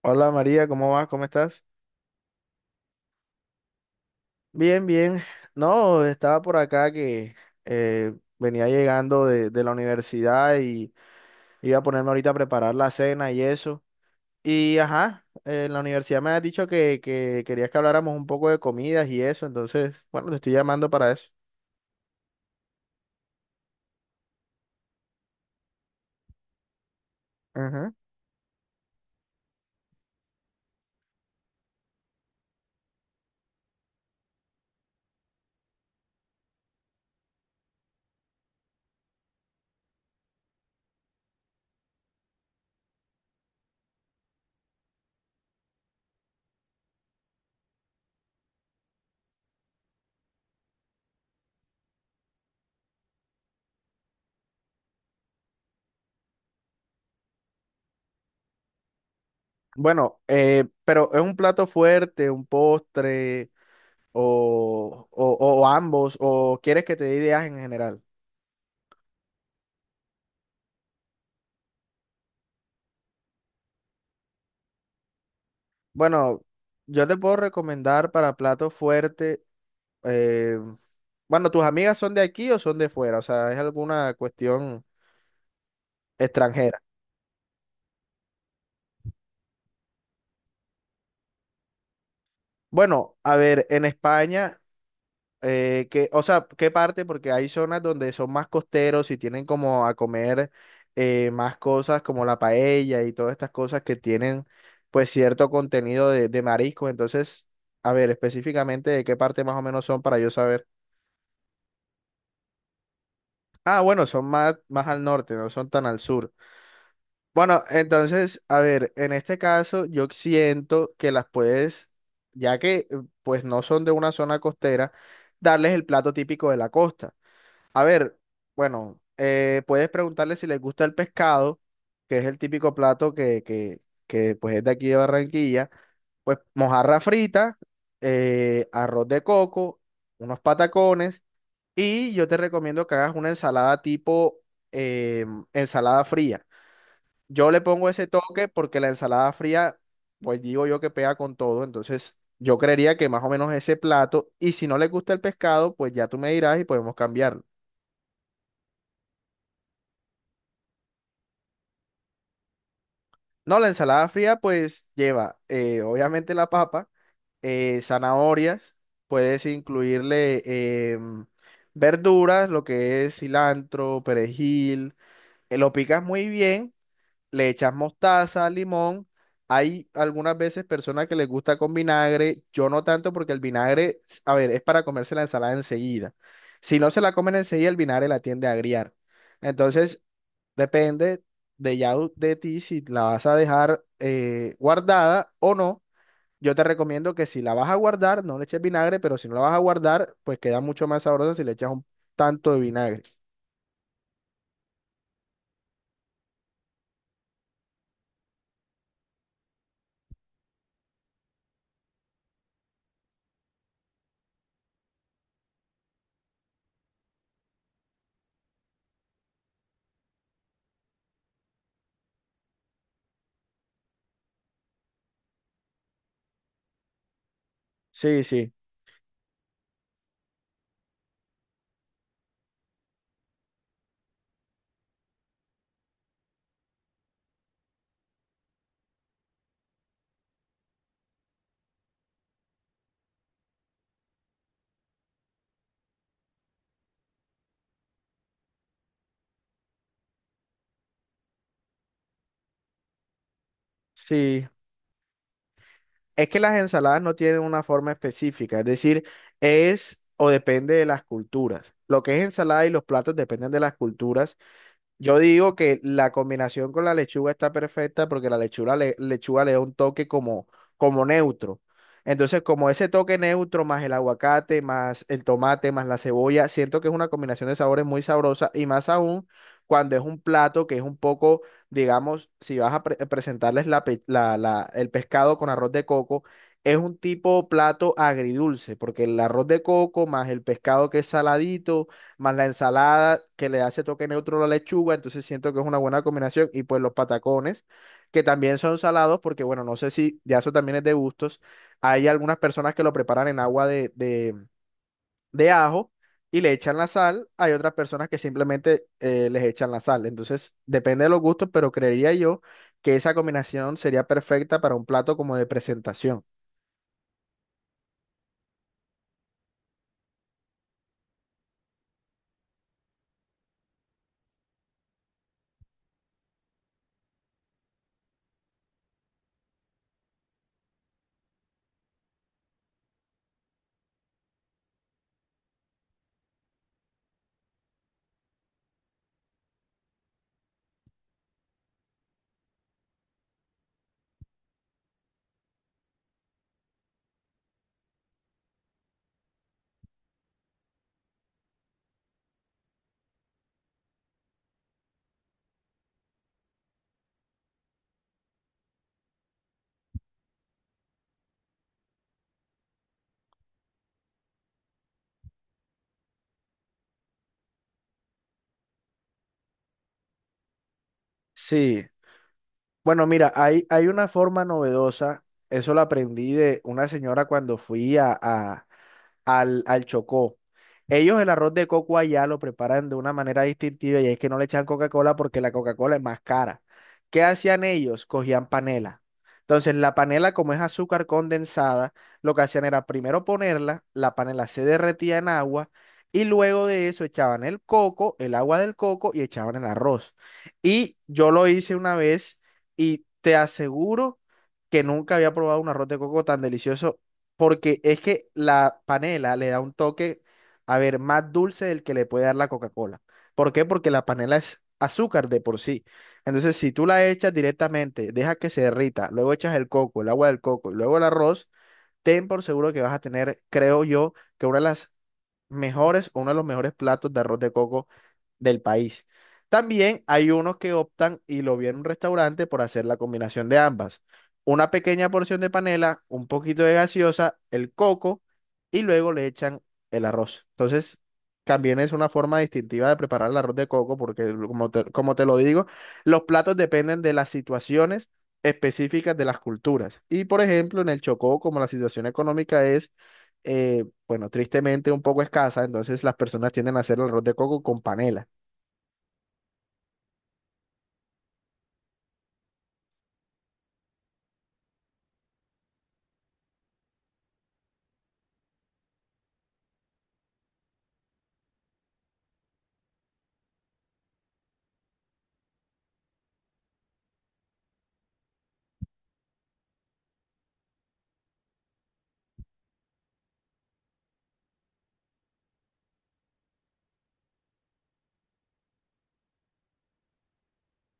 Hola María, ¿cómo vas? ¿Cómo estás? Bien, bien. No, estaba por acá que eh, venía llegando de la universidad y iba a ponerme ahorita a preparar la cena y eso. Y ajá, en la universidad me has dicho que querías que habláramos un poco de comidas y eso, entonces, bueno, te estoy llamando para eso. Ujú. Bueno, pero ¿es un plato fuerte, un postre o, o ambos? ¿O quieres que te dé ideas en general? Bueno, yo te puedo recomendar para plato fuerte. eh, bueno, ¿tus amigas son de aquí o son de fuera? O sea, ¿es alguna cuestión extranjera? Bueno, a ver, en España, que, o sea, ¿qué parte? Porque hay zonas donde son más costeros y tienen como a comer, más cosas como la paella y todas estas cosas que tienen pues cierto contenido de mariscos. Entonces, a ver, específicamente de qué parte más o menos son para yo saber. Ah, bueno, son más, más al norte, no son tan al sur. Bueno, entonces, a ver, en este caso yo siento que las puedes, ya que pues no son de una zona costera, darles el plato típico de la costa. A ver, bueno, puedes preguntarles si les gusta el pescado, que es el típico plato que pues es de aquí de Barranquilla, pues mojarra frita, arroz de coco, unos patacones. Y yo te recomiendo que hagas una ensalada tipo eh, ensalada fría. Yo le pongo ese toque porque la ensalada fría, pues digo yo que pega con todo. Entonces, yo creería que más o menos ese plato. Y si no le gusta el pescado, pues ya tú me dirás y podemos cambiarlo. No, la ensalada fría, pues lleva obviamente la papa, zanahorias, puedes incluirle verduras, lo que es cilantro, perejil. Lo picas muy bien, le echas mostaza, limón. Hay algunas veces personas que les gusta con vinagre, yo no tanto porque el vinagre, a ver, es para comerse la ensalada enseguida. Si no se la comen enseguida, el vinagre la tiende a agriar. Entonces, depende de ti si la vas a dejar, guardada o no. Yo te recomiendo que si la vas a guardar, no le eches vinagre, pero si no la vas a guardar, pues queda mucho más sabrosa si le echas un tanto de vinagre. Sí, sí, sí. Es que las ensaladas no tienen una forma específica, es decir, es o depende de las culturas. Lo que es ensalada y los platos dependen de las culturas. Yo digo que la combinación con la lechuga está perfecta porque la lechuga le da un toque como, como neutro. Entonces, como ese toque neutro más el aguacate, más el tomate, más la cebolla, siento que es una combinación de sabores muy sabrosa y más aún cuando es un plato que es un poco, digamos, si vas a presentarles la pe- la- la- el pescado con arroz de coco, es un tipo plato agridulce porque el arroz de coco más el pescado que es saladito más la ensalada que le hace toque neutro a la lechuga, entonces siento que es una buena combinación, y pues los patacones, que también son salados, porque bueno, no sé si ya eso también es de gustos, hay algunas personas que lo preparan en agua de ajo y le echan la sal, hay otras personas que simplemente les echan la sal, entonces depende de los gustos, pero creería yo que esa combinación sería perfecta para un plato como de presentación. Sí. Bueno, mira, hay una forma novedosa, eso lo aprendí de una señora cuando fui al Chocó. Ellos el arroz de coco allá lo preparan de una manera distintiva y es que no le echan Coca-Cola porque la Coca-Cola es más cara. ¿Qué hacían ellos? Cogían panela. Entonces la panela, como es azúcar condensada, lo que hacían era primero ponerla, la panela se derretía en agua y luego de eso echaban el coco, el agua del coco y echaban el arroz. Y yo lo hice una vez y te aseguro que nunca había probado un arroz de coco tan delicioso porque es que la panela le da un toque, a ver, más dulce del que le puede dar la Coca-Cola. ¿Por qué? Porque la panela es azúcar de por sí. Entonces, si tú la echas directamente, dejas que se derrita, luego echas el coco, el agua del coco y luego el arroz, ten por seguro que vas a tener, creo yo, que una de las mejores, uno de los mejores platos de arroz de coco del país. También hay unos que optan, y lo vi en un restaurante, por hacer la combinación de ambas. Una pequeña porción de panela, un poquito de gaseosa, el coco, y luego le echan el arroz. Entonces, también es una forma distintiva de preparar el arroz de coco, porque como te lo digo, los platos dependen de las situaciones específicas de las culturas. Y por ejemplo, en el Chocó, como la situación económica es... eh, bueno, tristemente un poco escasa, entonces las personas tienden a hacer el arroz de coco con panela.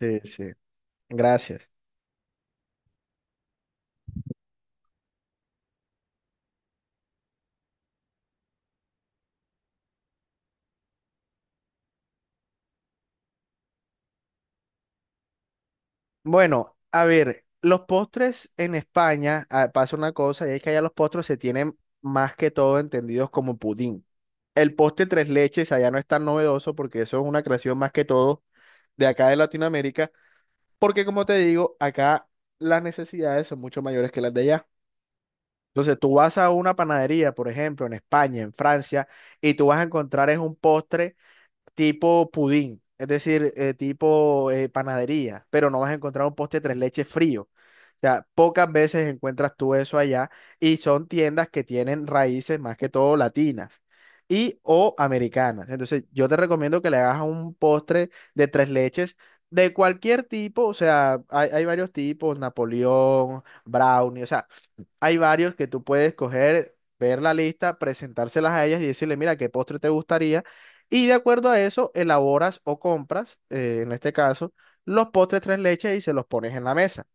Sí, sí, gracias. Bueno, a ver, los postres en España, ah, pasa una cosa, y es que allá los postres se tienen más que todo entendidos como pudín. El postre tres leches allá no es tan novedoso porque eso es una creación más que todo de acá de Latinoamérica, porque como te digo, acá las necesidades son mucho mayores que las de allá. Entonces tú vas a una panadería, por ejemplo, en España, en Francia, y tú vas a encontrar es un postre tipo pudín, es decir, tipo panadería, pero no vas a encontrar un postre tres leches frío. O sea, pocas veces encuentras tú eso allá y son tiendas que tienen raíces más que todo latinas y o americanas. Entonces, yo te recomiendo que le hagas un postre de tres leches de cualquier tipo, o sea, hay varios tipos, Napoleón, brownie, o sea, hay varios que tú puedes coger, ver la lista, presentárselas a ellas y decirle, mira, qué postre te gustaría. Y de acuerdo a eso, elaboras o compras, en este caso, los postres tres leches y se los pones en la mesa.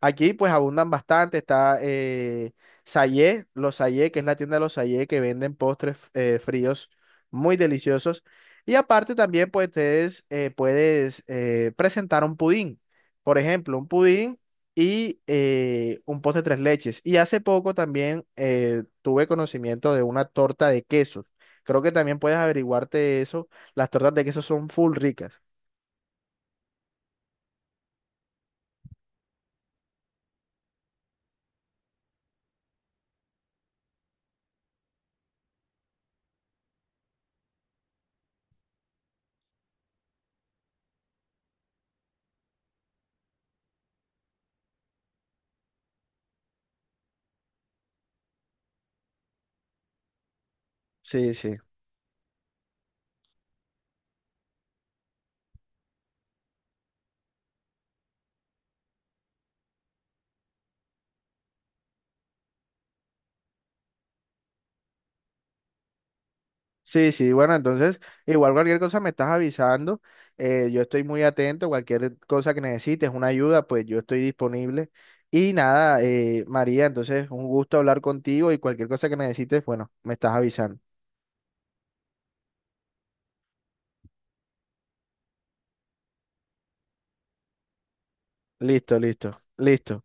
Aquí pues abundan bastante, está Sayé, los Sayé, que es la tienda de los Sayé, que venden postres fríos muy deliciosos. Y aparte también pues ustedes puedes presentar un pudín, por ejemplo, un pudín y un postre tres leches. Y hace poco también tuve conocimiento de una torta de quesos. Creo que también puedes averiguarte eso. Las tortas de queso son full ricas. Sí, sí. Sí, sí, bueno, entonces, igual cualquier cosa me estás avisando, yo estoy muy atento, cualquier cosa que necesites, una ayuda, pues yo estoy disponible. Y nada, María, entonces, un gusto hablar contigo y cualquier cosa que necesites, bueno, me estás avisando. Listo, listo, listo.